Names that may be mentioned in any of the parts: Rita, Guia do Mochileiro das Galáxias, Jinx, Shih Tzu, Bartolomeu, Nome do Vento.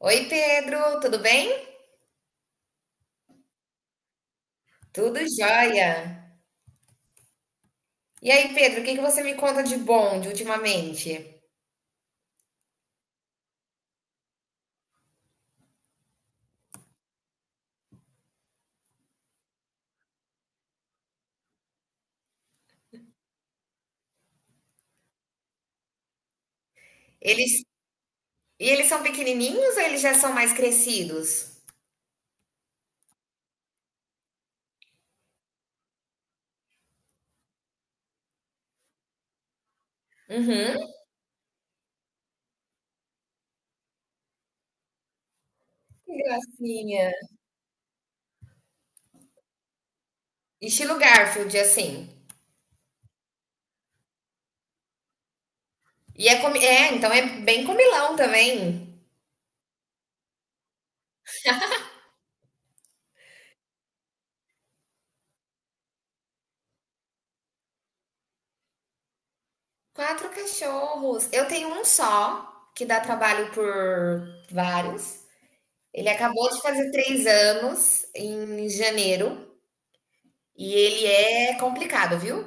Oi, Pedro, tudo bem? Tudo jóia. E aí, Pedro, o que que você me conta de bom de ultimamente? Eles, e eles são pequenininhos ou eles já são mais crescidos? Uhum, que gracinha. Estilo Garfield, assim. E é, é, então é bem comilão também. Quatro cachorros. Eu tenho um só, que dá trabalho por vários. Ele acabou de fazer 3 anos em janeiro. E ele é complicado, viu?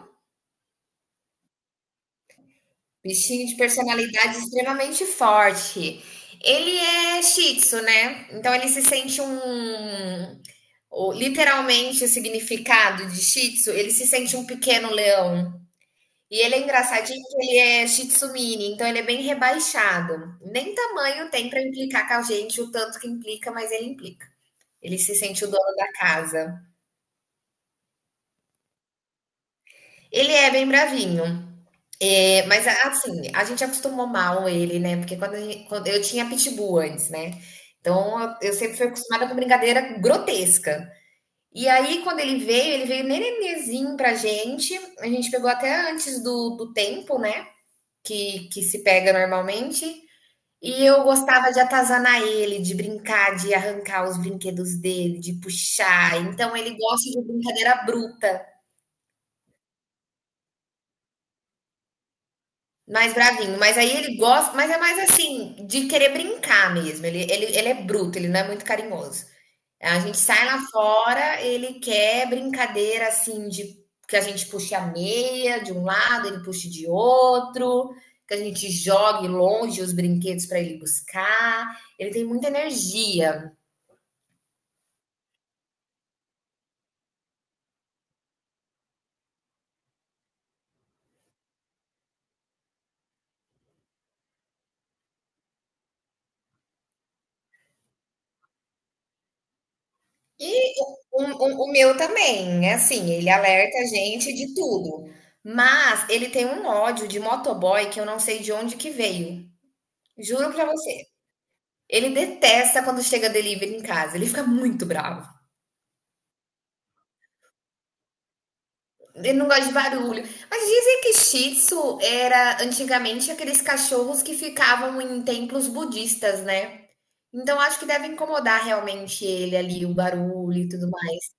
Bichinho de personalidade extremamente forte. Ele é Shih Tzu, né? Então ele se sente um. Literalmente o significado de Shih Tzu, ele se sente um pequeno leão. E ele é engraçadinho que ele é Shih Tzu mini, então ele é bem rebaixado. Nem tamanho tem para implicar com a gente, o tanto que implica, mas ele implica. Ele se sente o dono da casa. Ele é bem bravinho. É, mas assim, a gente acostumou mal ele, né? Porque quando, a gente- quando- eu tinha pitbull antes, né? Então eu sempre fui acostumada com brincadeira grotesca. E aí, quando ele veio nenenezinho pra gente. A gente pegou até antes do tempo, né? Que se pega normalmente. E eu gostava de atazanar ele, de brincar, de arrancar os brinquedos dele, de puxar. Então ele gosta de brincadeira bruta. Mais bravinho, mas aí ele gosta, mas é mais assim, de querer brincar mesmo. Ele é bruto, ele não é muito carinhoso. A gente sai lá fora, ele quer brincadeira assim de que a gente puxe a meia de um lado, ele puxe de outro, que a gente jogue longe os brinquedos para ele buscar. Ele tem muita energia. E o meu também, é assim, ele alerta a gente de tudo. Mas ele tem um ódio de motoboy que eu não sei de onde que veio. Juro pra você. Ele detesta quando chega delivery em casa, ele fica muito bravo. Ele não gosta de barulho. Mas dizem que Shih Tzu era antigamente aqueles cachorros que ficavam em templos budistas, né. Então acho que deve incomodar realmente ele ali, o barulho e tudo mais.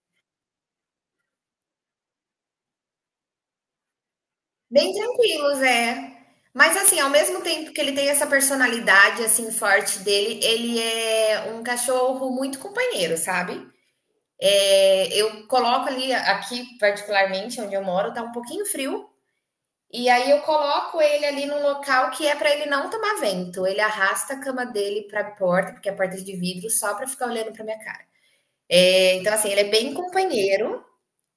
Bem tranquilos, é. Mas assim, ao mesmo tempo que ele tem essa personalidade, assim, forte dele, ele é um cachorro muito companheiro, sabe. É, eu coloco ali, aqui particularmente, onde eu moro, tá um pouquinho frio. E aí eu coloco ele ali num local que é para ele não tomar vento. Ele arrasta a cama dele para a porta, porque é a porta é de vidro, só para ficar olhando para minha cara. É, então, assim, ele é bem companheiro,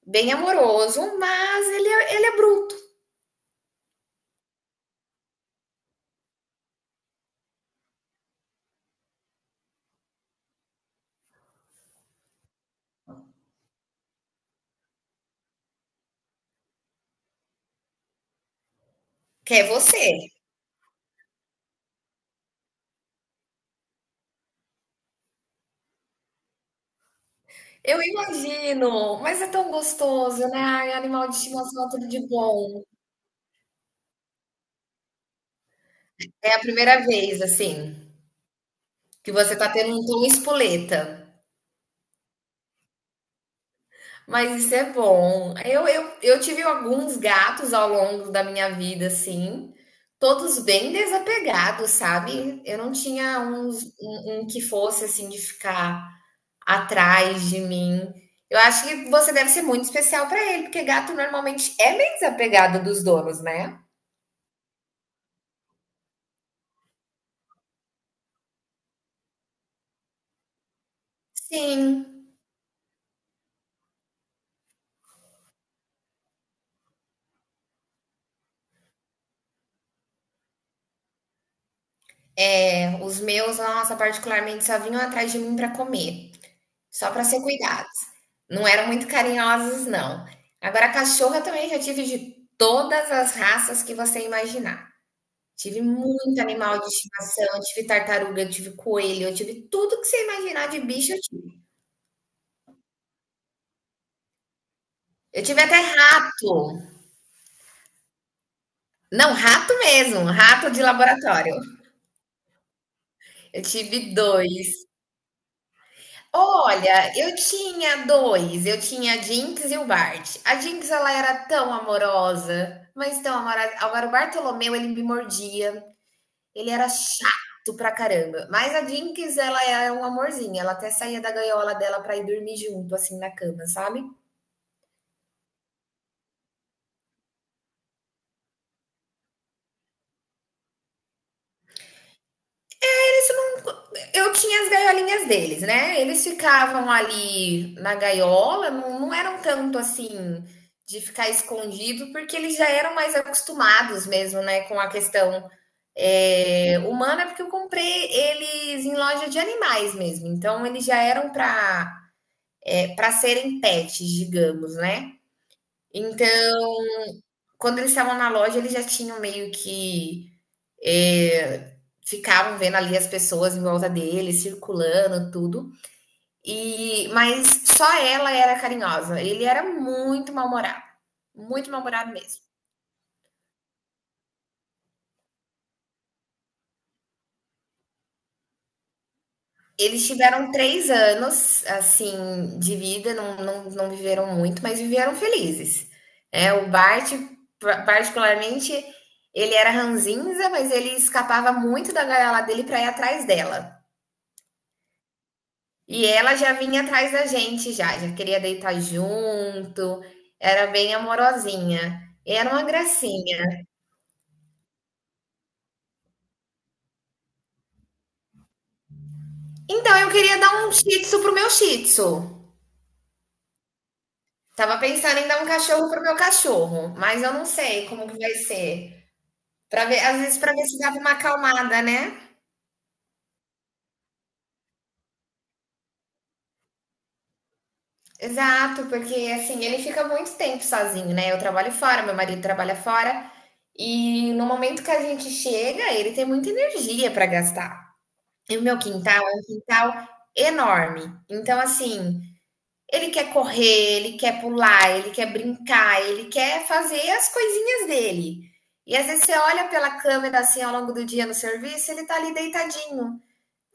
bem amoroso, mas ele é bruto, que é você. Eu imagino, mas é tão gostoso, né? Ai, animal de estimação, tudo de bom. É a primeira vez, assim, que você tá tendo um tom espoleta. Mas isso é bom. Eu tive alguns gatos ao longo da minha vida, assim, todos bem desapegados, sabe? Eu não tinha um que fosse, assim, de ficar atrás de mim. Eu acho que você deve ser muito especial para ele, porque gato normalmente é bem desapegado dos donos, né? Sim. É, os meus, nossa, particularmente, só vinham atrás de mim para comer. Só para ser cuidado. Não eram muito carinhosos, não. Agora, cachorra também já tive de todas as raças que você imaginar. Tive muito animal de estimação, tive tartaruga, eu tive coelho, eu tive tudo que você imaginar de bicho, eu tive. Eu tive até rato. Não, rato mesmo, rato de laboratório. Eu tive dois. Olha, eu tinha dois. Eu tinha a Jinx e o Bart. A Jinx, ela era tão amorosa, mas tão amorosa. Agora, o Bartolomeu, ele me mordia. Ele era chato pra caramba. Mas a Jinx, ela é um amorzinho. Ela até saía da gaiola dela pra ir dormir junto, assim, na cama, sabe? Eles não. Eu tinha as gaiolinhas deles, né? Eles ficavam ali na gaiola, não eram tanto assim de ficar escondido, porque eles já eram mais acostumados mesmo, né, com a questão humana, porque eu comprei eles em loja de animais mesmo. Então, eles já eram para para serem pets, digamos, né? Então, quando eles estavam na loja, eles já tinham meio que. é, ficavam vendo ali as pessoas em volta dele, circulando, tudo. E, mas só ela era carinhosa. Ele era muito mal-humorado. Muito mal-humorado mesmo. Eles tiveram 3 anos, assim, de vida, não viveram muito, mas viveram felizes. É, o Bart, particularmente, ele era ranzinza, mas ele escapava muito da gaiola dele para ir atrás dela. E ela já vinha atrás da gente já, já queria deitar junto, era bem amorosinha. Era uma gracinha. Então eu queria dar um shih tzu pro meu shih tzu. Tava pensando em dar um cachorro pro meu cachorro, mas eu não sei como que vai ser. Para ver, às vezes para ver se dava uma acalmada, né? Exato, porque assim, ele fica muito tempo sozinho, né? Eu trabalho fora, meu marido trabalha fora, e no momento que a gente chega, ele tem muita energia para gastar. E o meu quintal é um quintal enorme. Então, assim, ele quer correr, ele quer pular, ele quer brincar, ele quer fazer as coisinhas dele. E às vezes você olha pela câmera assim ao longo do dia no serviço, ele tá ali deitadinho,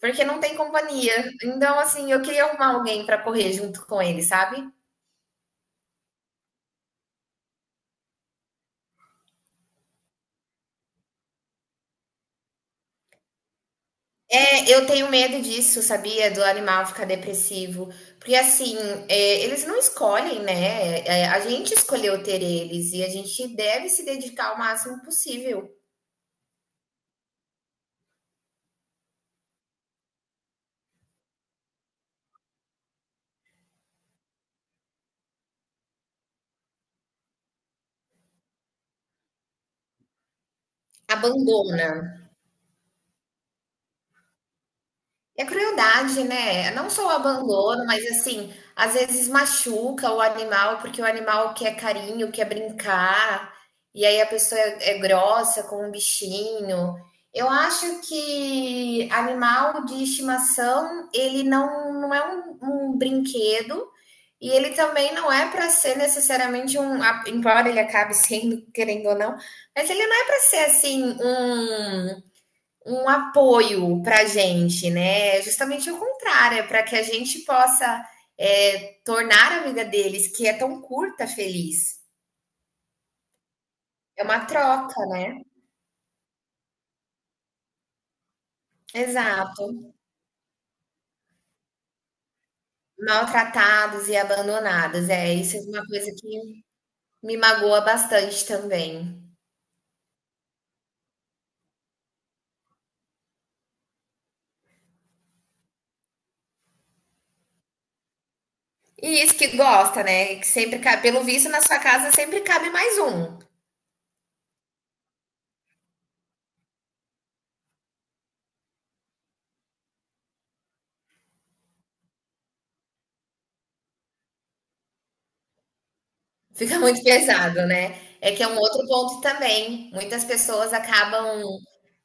porque não tem companhia. Então, assim, eu queria arrumar alguém para correr junto com ele, sabe? É, eu tenho medo disso, sabia? Do animal ficar depressivo. Porque assim, é, eles não escolhem, né? É, a gente escolheu ter eles e a gente deve se dedicar ao máximo possível. Abandona. É crueldade, né? Não só o abandono, mas assim, às vezes machuca o animal, porque o animal quer carinho, quer brincar, e aí a pessoa é grossa com o bichinho. Eu acho que animal de estimação, ele não é um brinquedo, e ele também não é para ser necessariamente um, embora ele acabe sendo, querendo ou não, mas ele não é para ser assim um um apoio para a gente, né? É justamente o contrário, é para que a gente possa tornar a vida deles, que é tão curta, feliz. É uma troca, né? Exato. Maltratados e abandonados. É, isso é uma coisa que me magoa bastante também. E isso que gosta, né? Que sempre cabe, pelo visto, na sua casa sempre cabe mais um. Fica muito pesado, né? É que é um outro ponto também. Muitas pessoas acabam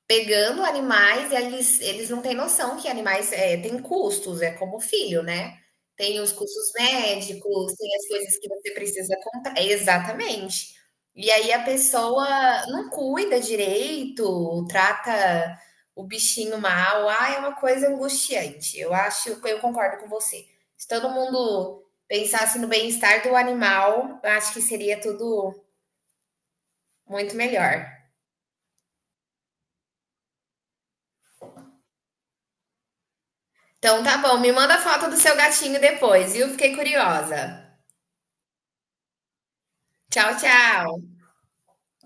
pegando animais e eles não têm noção que animais têm custos, é como filho, né? Tem os custos médicos, tem as coisas que você precisa comprar. É, exatamente. E aí a pessoa não cuida direito, trata o bichinho mal. Ah, é uma coisa angustiante. Eu acho, eu concordo com você. Se todo mundo pensasse no bem-estar do animal, eu acho que seria tudo muito melhor. Então tá bom, me manda a foto do seu gatinho depois, viu? Fiquei curiosa. Tchau, tchau.